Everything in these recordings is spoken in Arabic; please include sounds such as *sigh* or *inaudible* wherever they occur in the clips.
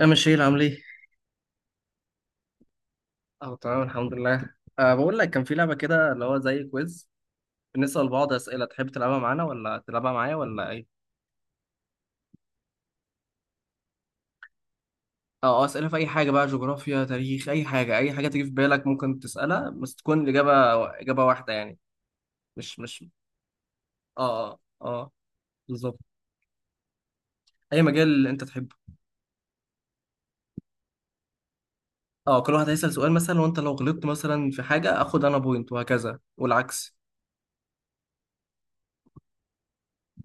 يا مشيل عامل ايه؟ اه، تمام الحمد لله. بقول لك كان في لعبة كده اللي هو زي كويز، بنسأل بعض أسئلة. تحب تلعبها معانا ولا تلعبها معايا ولا ايه؟ اه، أسئلة في أي حاجة، بقى جغرافيا تاريخ أي حاجة، أي حاجة تيجي في بالك ممكن تسألها بس تكون الإجابة إجابة واحدة يعني. مش. اه اه اه، بالظبط. أي مجال اللي أنت تحبه. اه، كل واحد هيسأل سؤال مثلا، وأنت لو غلطت مثلا في حاجة آخد أنا بوينت وهكذا والعكس.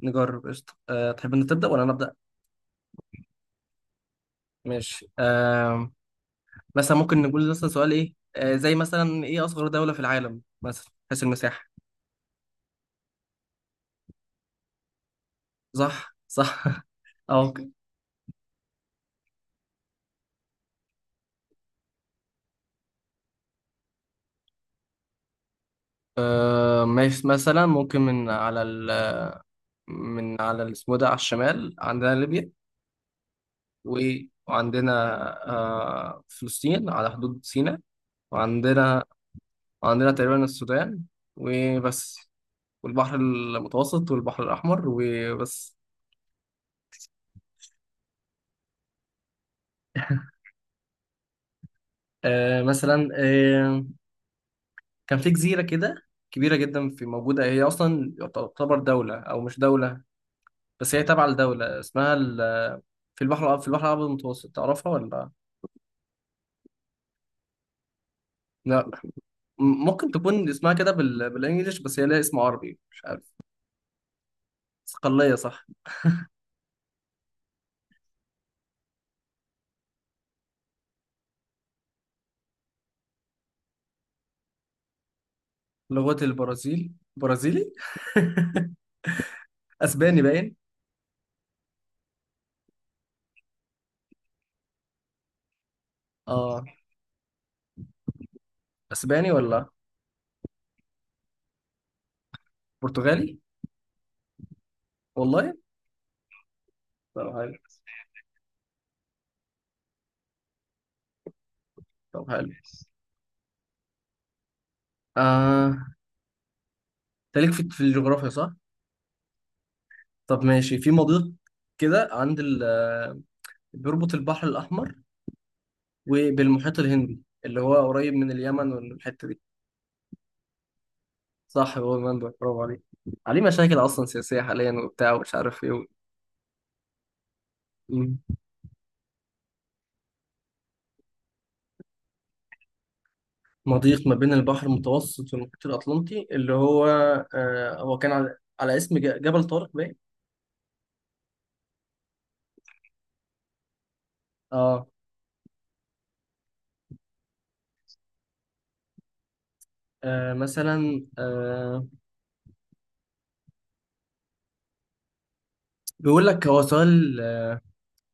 نجرب قشطة. تحب أن تبدأ ولا أنا أبدأ؟ ماشي. مثلا ممكن نقول مثلا سؤال ايه، زي مثلا ايه اصغر دولة في العالم مثلا حيث المساحة. صح صح. *laughs* اه، ممكن. ماشي. مثلا ممكن من على اسمه ده على الشمال عندنا ليبيا. وعندنا فلسطين على حدود سيناء. وعندنا تقريبا السودان وبس، والبحر المتوسط والبحر الأحمر وبس. *laughs* آه مثلا آه، كان في جزيرة كده كبيرة جدا، في موجودة، هي أصلا تعتبر دولة أو مش دولة، بس هي تابعة لدولة اسمها في في البحر الأبيض المتوسط، تعرفها ولا؟ لا. ممكن تكون اسمها كده بالإنجليش، بس هي لها اسم عربي، مش عارف. صقلية، صح. لغة البرازيل برازيلي. *laughs* أسباني باين. آه أسباني ولا برتغالي؟ والله. طب حلو طب حلو. آه أنت ليك في الجغرافيا صح؟ طب ماشي. في مضيق كده عند بيربط البحر الأحمر وبالمحيط الهندي اللي هو قريب من اليمن والحتة دي. صح، هو المنبع، برافو عليك. عليه مشاكل أصلا سياسية حاليا وبتاع ومش عارف إيه. مم. مضيق ما بين البحر المتوسط والمحيط الأطلنطي اللي هو، هو كان على اسم جبل طارق باين. آه, آه مثلا آه بيقول لك هو سؤال، آه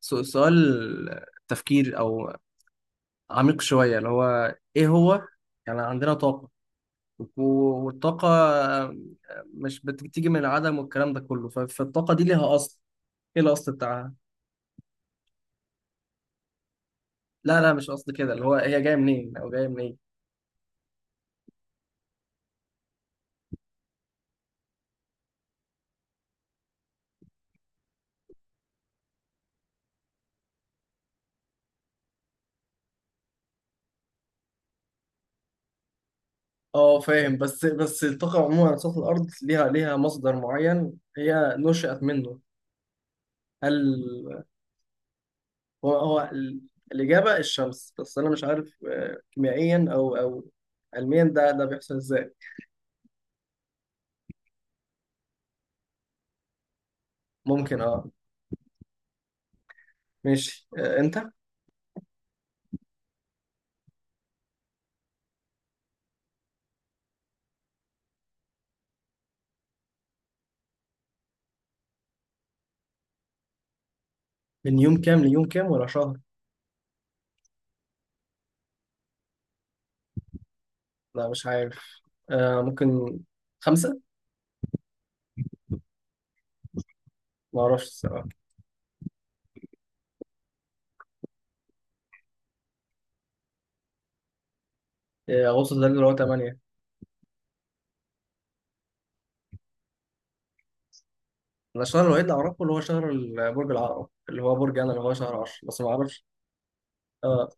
سو- سؤال تفكير أو عميق شوية، اللي هو إيه هو يعني، عندنا طاقة والطاقة مش بتيجي من العدم والكلام ده كله. فالطاقة دي ليها أصل. إيه الأصل بتاعها؟ لا لا، مش قصد كده. اللي هو هي جاية منين أو جاية منين؟ فاهم. بس الطاقة عموما على سطح الأرض ليها مصدر معين هي نشأت منه. هل هو هو الإجابة الشمس، بس أنا مش عارف كيميائيا أو علميا ده بيحصل إزاي. ممكن. أه ماشي آه، أنت. من يوم كام ليوم كام ولا شهر؟ لا مش عارف. ممكن خمسة. ما اعرفش الصراحه. إيه، اغسطس ده اللي هو 8. انا الشهر الوحيد اللي اعرفه اللي هو شهر برج العقرب، اللي هو برج انا اللي هو شهر 10، بس ما اعرفش. اه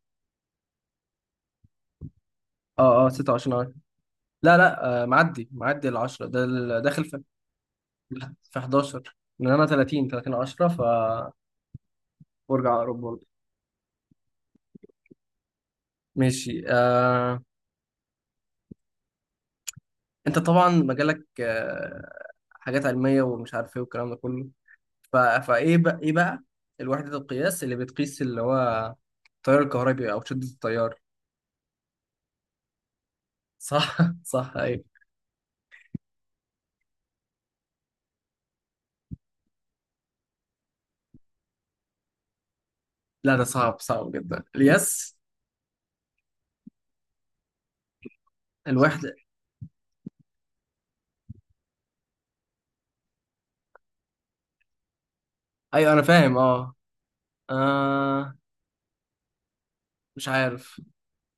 اه اه، 26 عارف. لا لا، معدي ال 10 ده داخل في 11. لان انا 30 10 فبرج عقرب برضه. ماشي. انت طبعا مجالك حاجات علميه، ومش عارف ايه والكلام ده كله. فايه بقى ايه بقى الوحده القياس اللي بتقيس اللي هو التيار الكهربي او شده التيار. صح. *laughs* صح ايوه. لا ده صعب صعب جدا اليس. الوحدة. ايوه انا فاهم. اه آه مش عارف.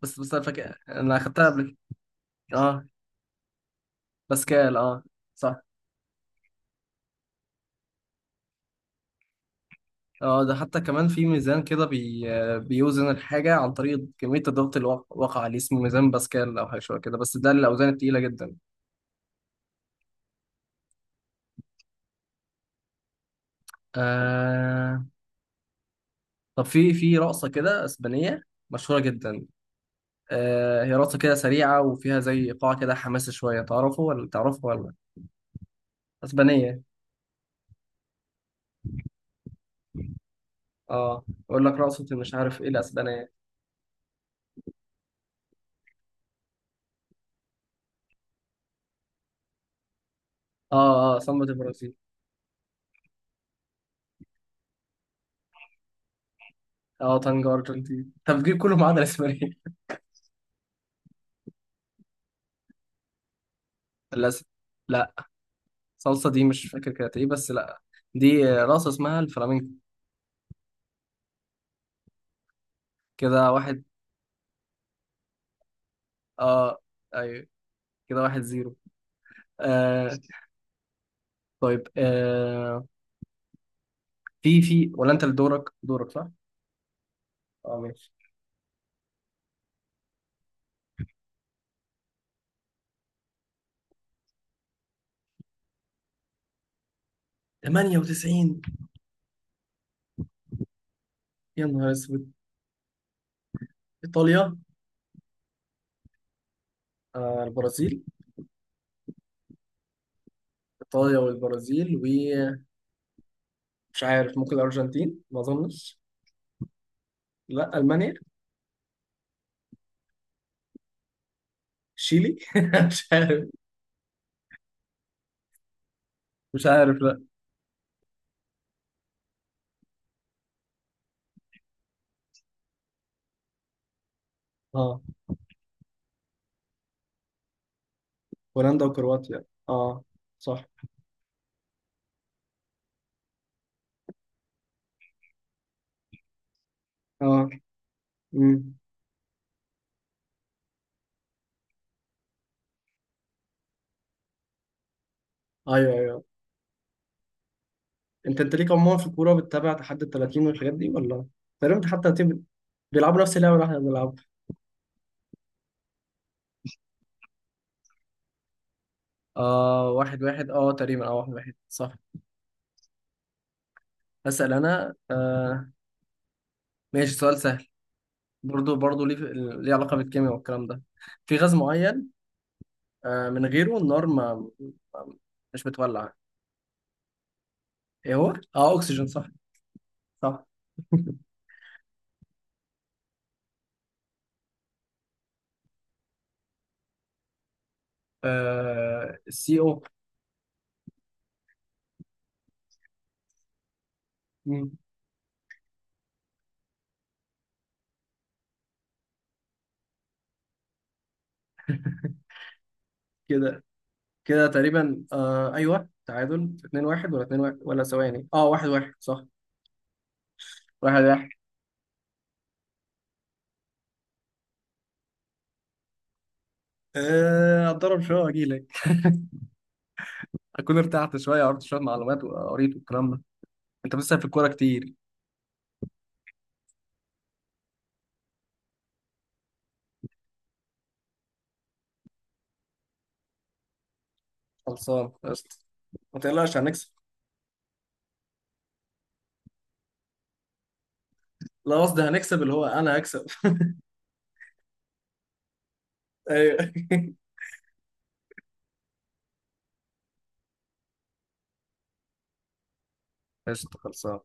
بس انا فاكر انا اخدتها قبل كده. اه، باسكال، اه، صح. اه، ده حتى كمان في ميزان كده بيوزن الحاجة عن طريق كمية الضغط اللي وقع عليه، اسمه ميزان باسكال أو حاجة شوية كده، بس ده للأوزان التقيلة جدا. آه... طب في رقصة كده أسبانية مشهورة جدا. هي رقصة كده سريعة وفيها زي إيقاع كده حماسي شوية، تعرفه ولا تعرفه ولا؟ أسبانية. اه، اقول لك رقصة، مش عارف ايه الاسبانية. اه اه، سامبا دي برازيل. اه، تانجو ارجنتين. طب جيب كله ما عدا الاسبانية. *laughs* للاسف. لا، صلصة دي مش فاكر كانت ايه، بس لا، دي رقصة اسمها الفلامينكو. كده واحد. اه ايوه، كده واحد زيرو. آه طيب. في في ولا انت اللي دورك صح؟ اه ماشي. 98. يا نهار اسود. ايطاليا. البرازيل. ايطاليا والبرازيل، ومش عارف، ممكن الارجنتين، ما اظنش. لا، المانيا. شيلي. *laughs* مش عارف. مش عارف لا. اه، هولندا وكرواتيا. اه صح. اه. امم. ايوه ايوه. انت ليك عموما في الكوره، بتتابع تحدي ال 30 والحاجات دي ولا؟ تقريبا تحدي 30. بيلعبوا نفس اللعبه اللي احنا بنلعبها. واحد واحد، اه تقريبا، اه واحد واحد، صح. هسأل انا. ماشي. سؤال سهل. برضو ليه علاقة بالكيمياء والكلام ده. في غاز معين، من غيره النار ما- مش بتولع. ايه هو؟ اه، اكسجين صح. صح. سي O. مم. كده كده تقريبا، ايوه تعادل 2 1، ولا 2 1، ولا ثواني، اه 1 1 صح، 1 1. اتضرب شويه واجي لك. *laughs* اكون ارتحت شويه، عرفت شويه معلومات وقريت والكلام ده. انت بتسأل في الكوره كتير. خلصان قشطه، ما تقلقش هنكسب. لا قصدي هنكسب اللي هو انا هكسب. *laughs* ايوه. *laughs* قشطه خلصان.